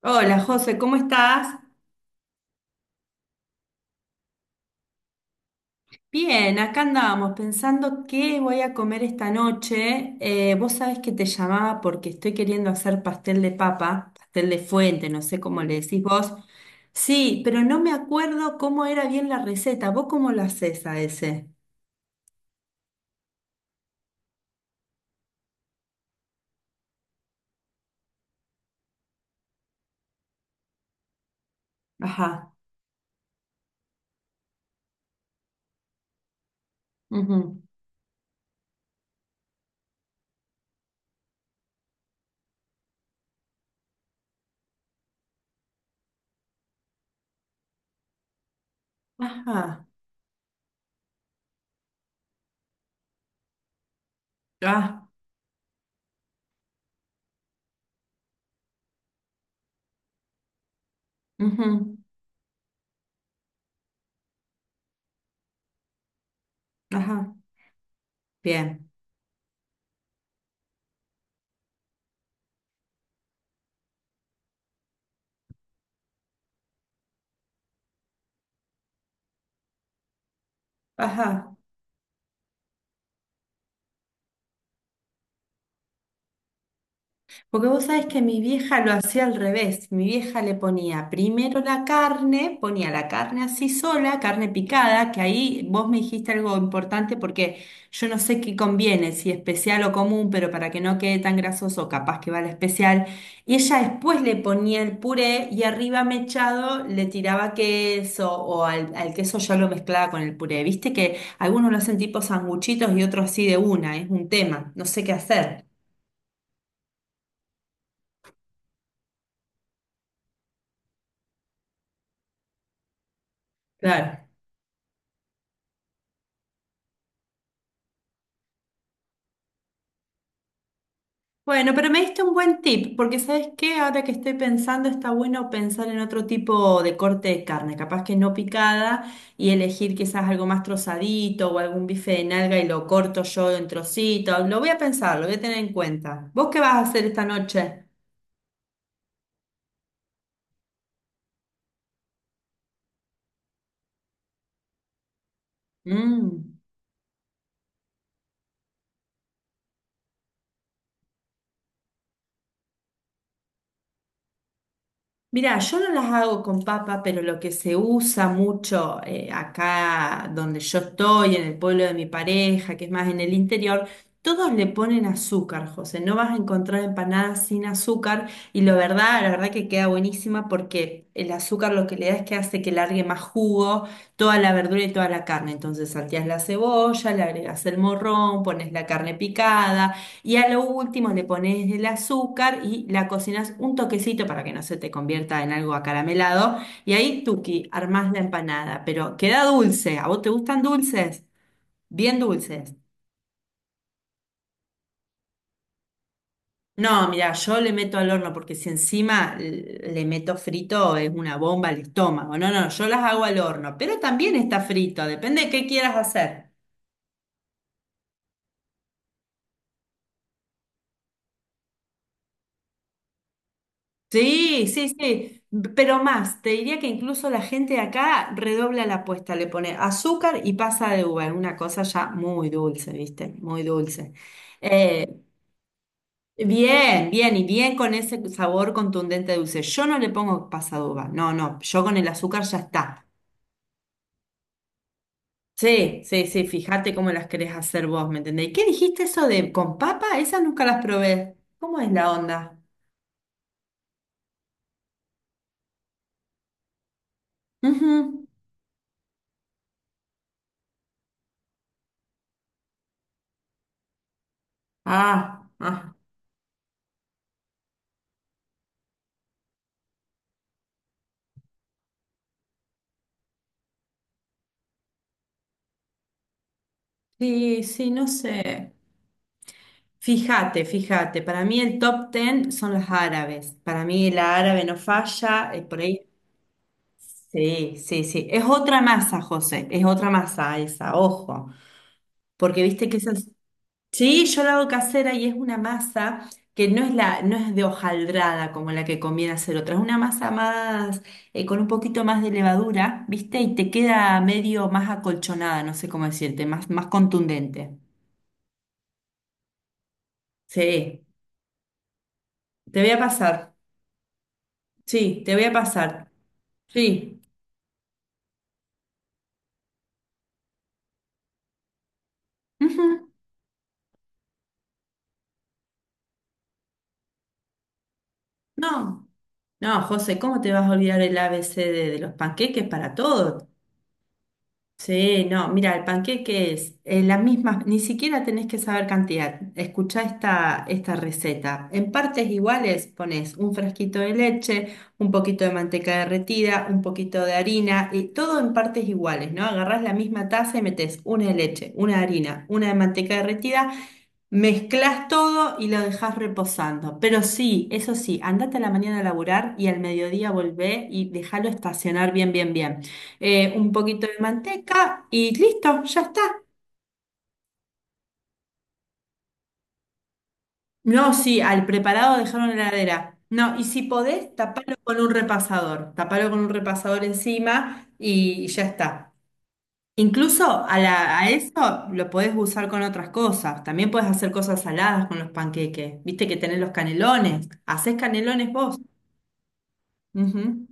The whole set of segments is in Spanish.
Hola José, ¿cómo estás? Bien, acá andábamos pensando qué voy a comer esta noche. Vos sabés que te llamaba porque estoy queriendo hacer pastel de papa, pastel de fuente, no sé cómo le decís vos. Sí, pero no me acuerdo cómo era bien la receta. ¿Vos cómo lo hacés a ese? Ajá. Ujú. Ajá. Ah. Ujú. Ajá. Bien. Ajá. Porque vos sabés que mi vieja lo hacía al revés. Mi vieja le ponía primero la carne, ponía la carne así sola, carne picada, que ahí vos me dijiste algo importante porque yo no sé qué conviene, si especial o común, pero para que no quede tan grasoso, capaz que va la especial. Y ella después le ponía el puré y arriba mechado le tiraba queso o al queso ya lo mezclaba con el puré. Viste que algunos lo hacen tipo sanguchitos y otros así de una, es un tema, no sé qué hacer. Claro. Bueno, pero me diste un buen tip, porque ¿sabes qué? Ahora que estoy pensando, está bueno pensar en otro tipo de corte de carne, capaz que no picada, y elegir quizás algo más trozadito o algún bife de nalga y lo corto yo en trocitos. Lo voy a pensar, lo voy a tener en cuenta. ¿Vos qué vas a hacer esta noche? Mm. Mira, yo no las hago con papa, pero lo que se usa mucho acá donde yo estoy, en el pueblo de mi pareja, que es más en el interior, todos le ponen azúcar, José. No vas a encontrar empanadas sin azúcar y la verdad que queda buenísima porque el azúcar lo que le da es que hace que largue más jugo toda la verdura y toda la carne. Entonces salteás la cebolla, le agregas el morrón, pones la carne picada. Y a lo último le pones el azúcar y la cocinas un toquecito para que no se te convierta en algo acaramelado. Y ahí, tuki, armás la empanada, pero queda dulce. ¿A vos te gustan dulces? Bien dulces. No, mira, yo le meto al horno porque si encima le meto frito es una bomba al estómago. No, no, yo las hago al horno, pero también está frito, depende de qué quieras hacer. Sí, sí, sí, pero más, te diría que incluso la gente de acá redobla la apuesta, le pone azúcar y pasa de uva, una cosa ya muy dulce, ¿viste? Muy dulce. Eh, Bien, bien, y bien con ese sabor contundente de dulce. Yo no le pongo pasa de uva, no, no, yo con el azúcar ya está. Sí, sí, sí, fíjate cómo las querés hacer vos, ¿me entendés? ¿Qué dijiste eso de con papa? Esas nunca las probé. ¿Cómo es la onda? Ujú. Ah, ah, sí, sí, no sé. Fíjate, fíjate, para mí el top ten son los árabes. Para mí la árabe no falla, por ahí. Sí, sí, sí. Es otra masa, José, es otra masa esa, ojo. Porque viste que esas. Sí, yo la hago casera y es una masa que no es la, no es de hojaldrada como la que conviene hacer otra. Es una masa más, con un poquito más de levadura, ¿viste? Y te queda medio más acolchonada, no sé cómo decirte, más, más contundente. Sí, te voy a pasar. Sí, te voy a pasar. Sí. Ujú. No, no, José, ¿cómo te vas a olvidar el A ABC de los panqueques para todo? Sí, no, mira, el panqueque es la misma, ni siquiera tenés que saber cantidad. Escuchá esta receta. En partes iguales pones un frasquito de leche, un poquito de manteca derretida, un poquito de harina, y todo en partes iguales, ¿no? Agarrás la misma taza y metes una de leche, una de harina, una de manteca derretida. Mezclas todo y lo dejas reposando. Pero sí, eso sí, andate a la mañana a laburar y al mediodía volvé y déjalo estacionar bien, bien, bien. Un poquito de manteca y listo, ya está. No, sí, al preparado dejaron en la heladera. No, y si podés, tapalo con un repasador. Tapalo con un repasador encima y ya está. Incluso a eso lo podés usar con otras cosas. También podés hacer cosas saladas con los panqueques. Viste que tenés los canelones. Hacés canelones vos. Ujú.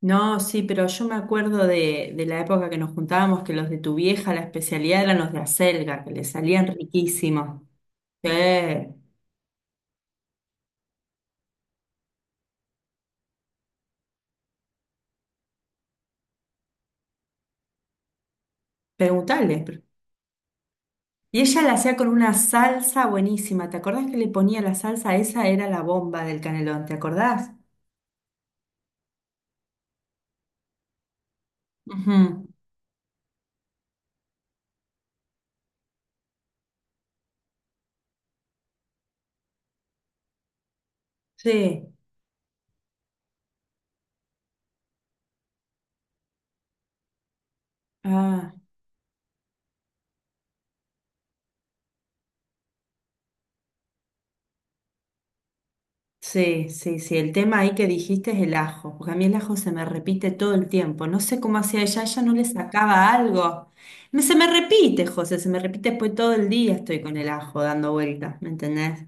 No, sí, pero yo me acuerdo de la época que nos juntábamos, que los de tu vieja, la especialidad eran los de acelga, que le salían riquísimos. Eh, Preguntale. Y ella la hacía con una salsa buenísima. ¿Te acordás que le ponía la salsa? Esa era la bomba del canelón, ¿te acordás? Ujú. Sí. Ah. Sí, sí, sí. El tema ahí que dijiste es el ajo, porque a mí el ajo se me repite todo el tiempo. No sé cómo hacía ella, ella no le sacaba algo. Se me repite, José, se me repite después todo el día estoy con el ajo dando vueltas, ¿me entendés?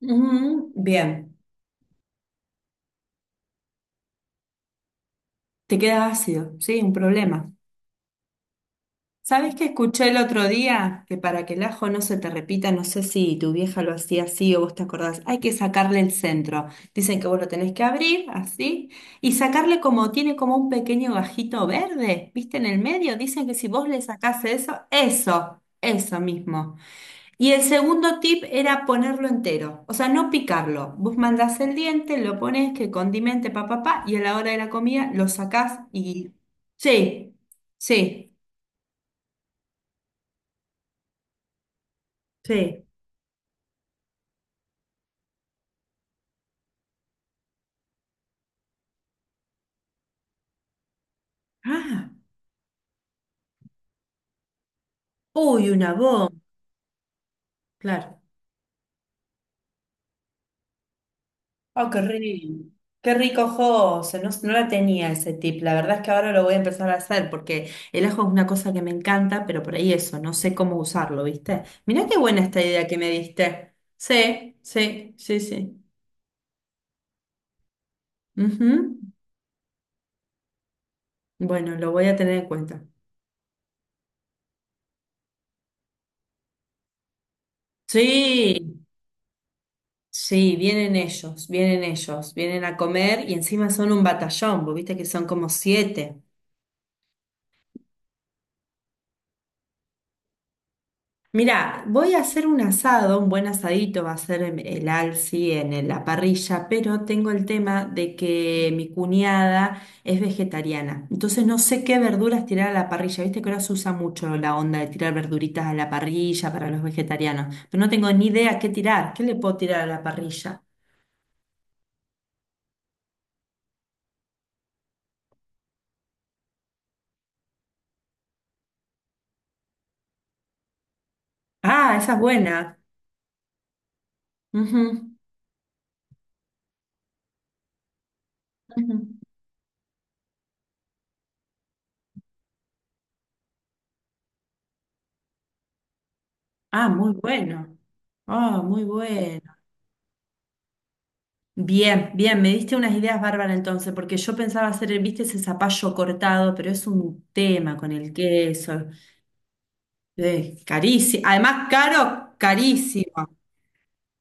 Ujú. Bien, te queda ácido, sí, un problema. ¿Sabes qué escuché el otro día? Que para que el ajo no se te repita, no sé si tu vieja lo hacía así o vos te acordás, hay que sacarle el centro. Dicen que vos lo tenés que abrir así y sacarle como tiene como un pequeño gajito verde, ¿viste? En el medio. Dicen que si vos le sacás eso, eso, eso mismo. Y el segundo tip era ponerlo entero, o sea, no picarlo. Vos mandás el diente, lo pones, que condimente, pa, pa, pa, y a la hora de la comida lo sacás y... Sí, sí, sí. Ah, uy, una bomba, claro. Oh, qué rico. Qué rico, José. No, no la tenía ese tip. La verdad es que ahora lo voy a empezar a hacer porque el ajo es una cosa que me encanta, pero por ahí eso, no sé cómo usarlo, ¿viste? Mirá qué buena esta idea que me diste. Sí, sí, sí, sí. Ujú. Bueno, lo voy a tener en cuenta. Sí, sí, vienen ellos, vienen ellos, vienen a comer y encima son un batallón, vos viste que son como 7. Mirá, voy a hacer un asado, un buen asadito va a ser el alci en la parrilla, pero tengo el tema de que mi cuñada es vegetariana, entonces no sé qué verduras tirar a la parrilla, viste que ahora se usa mucho la onda de tirar verduritas a la parrilla para los vegetarianos, pero no tengo ni idea qué tirar, qué le puedo tirar a la parrilla. Ah, esa es buena. Ujú, ujú. Ah, muy bueno. Ah, muy bueno. Bien, bien, me diste unas ideas bárbaras entonces, porque yo pensaba hacer, viste, ese zapallo cortado, pero es un tema con el queso, carísimo, además caro, carísimo.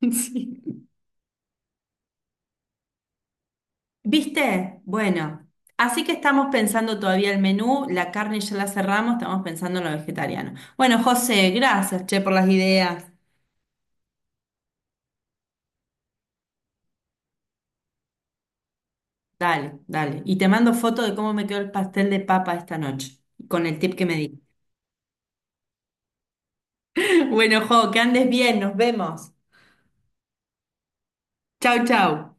Sí. ¿Viste? Bueno, así que estamos pensando todavía el menú, la carne ya la cerramos, estamos pensando en lo vegetariano. Bueno, José, gracias, che, por las ideas. Dale, dale. Y te mando foto de cómo me quedó el pastel de papa esta noche, con el tip que me di. Bueno, Jo, que andes bien, nos vemos. Chau, chau.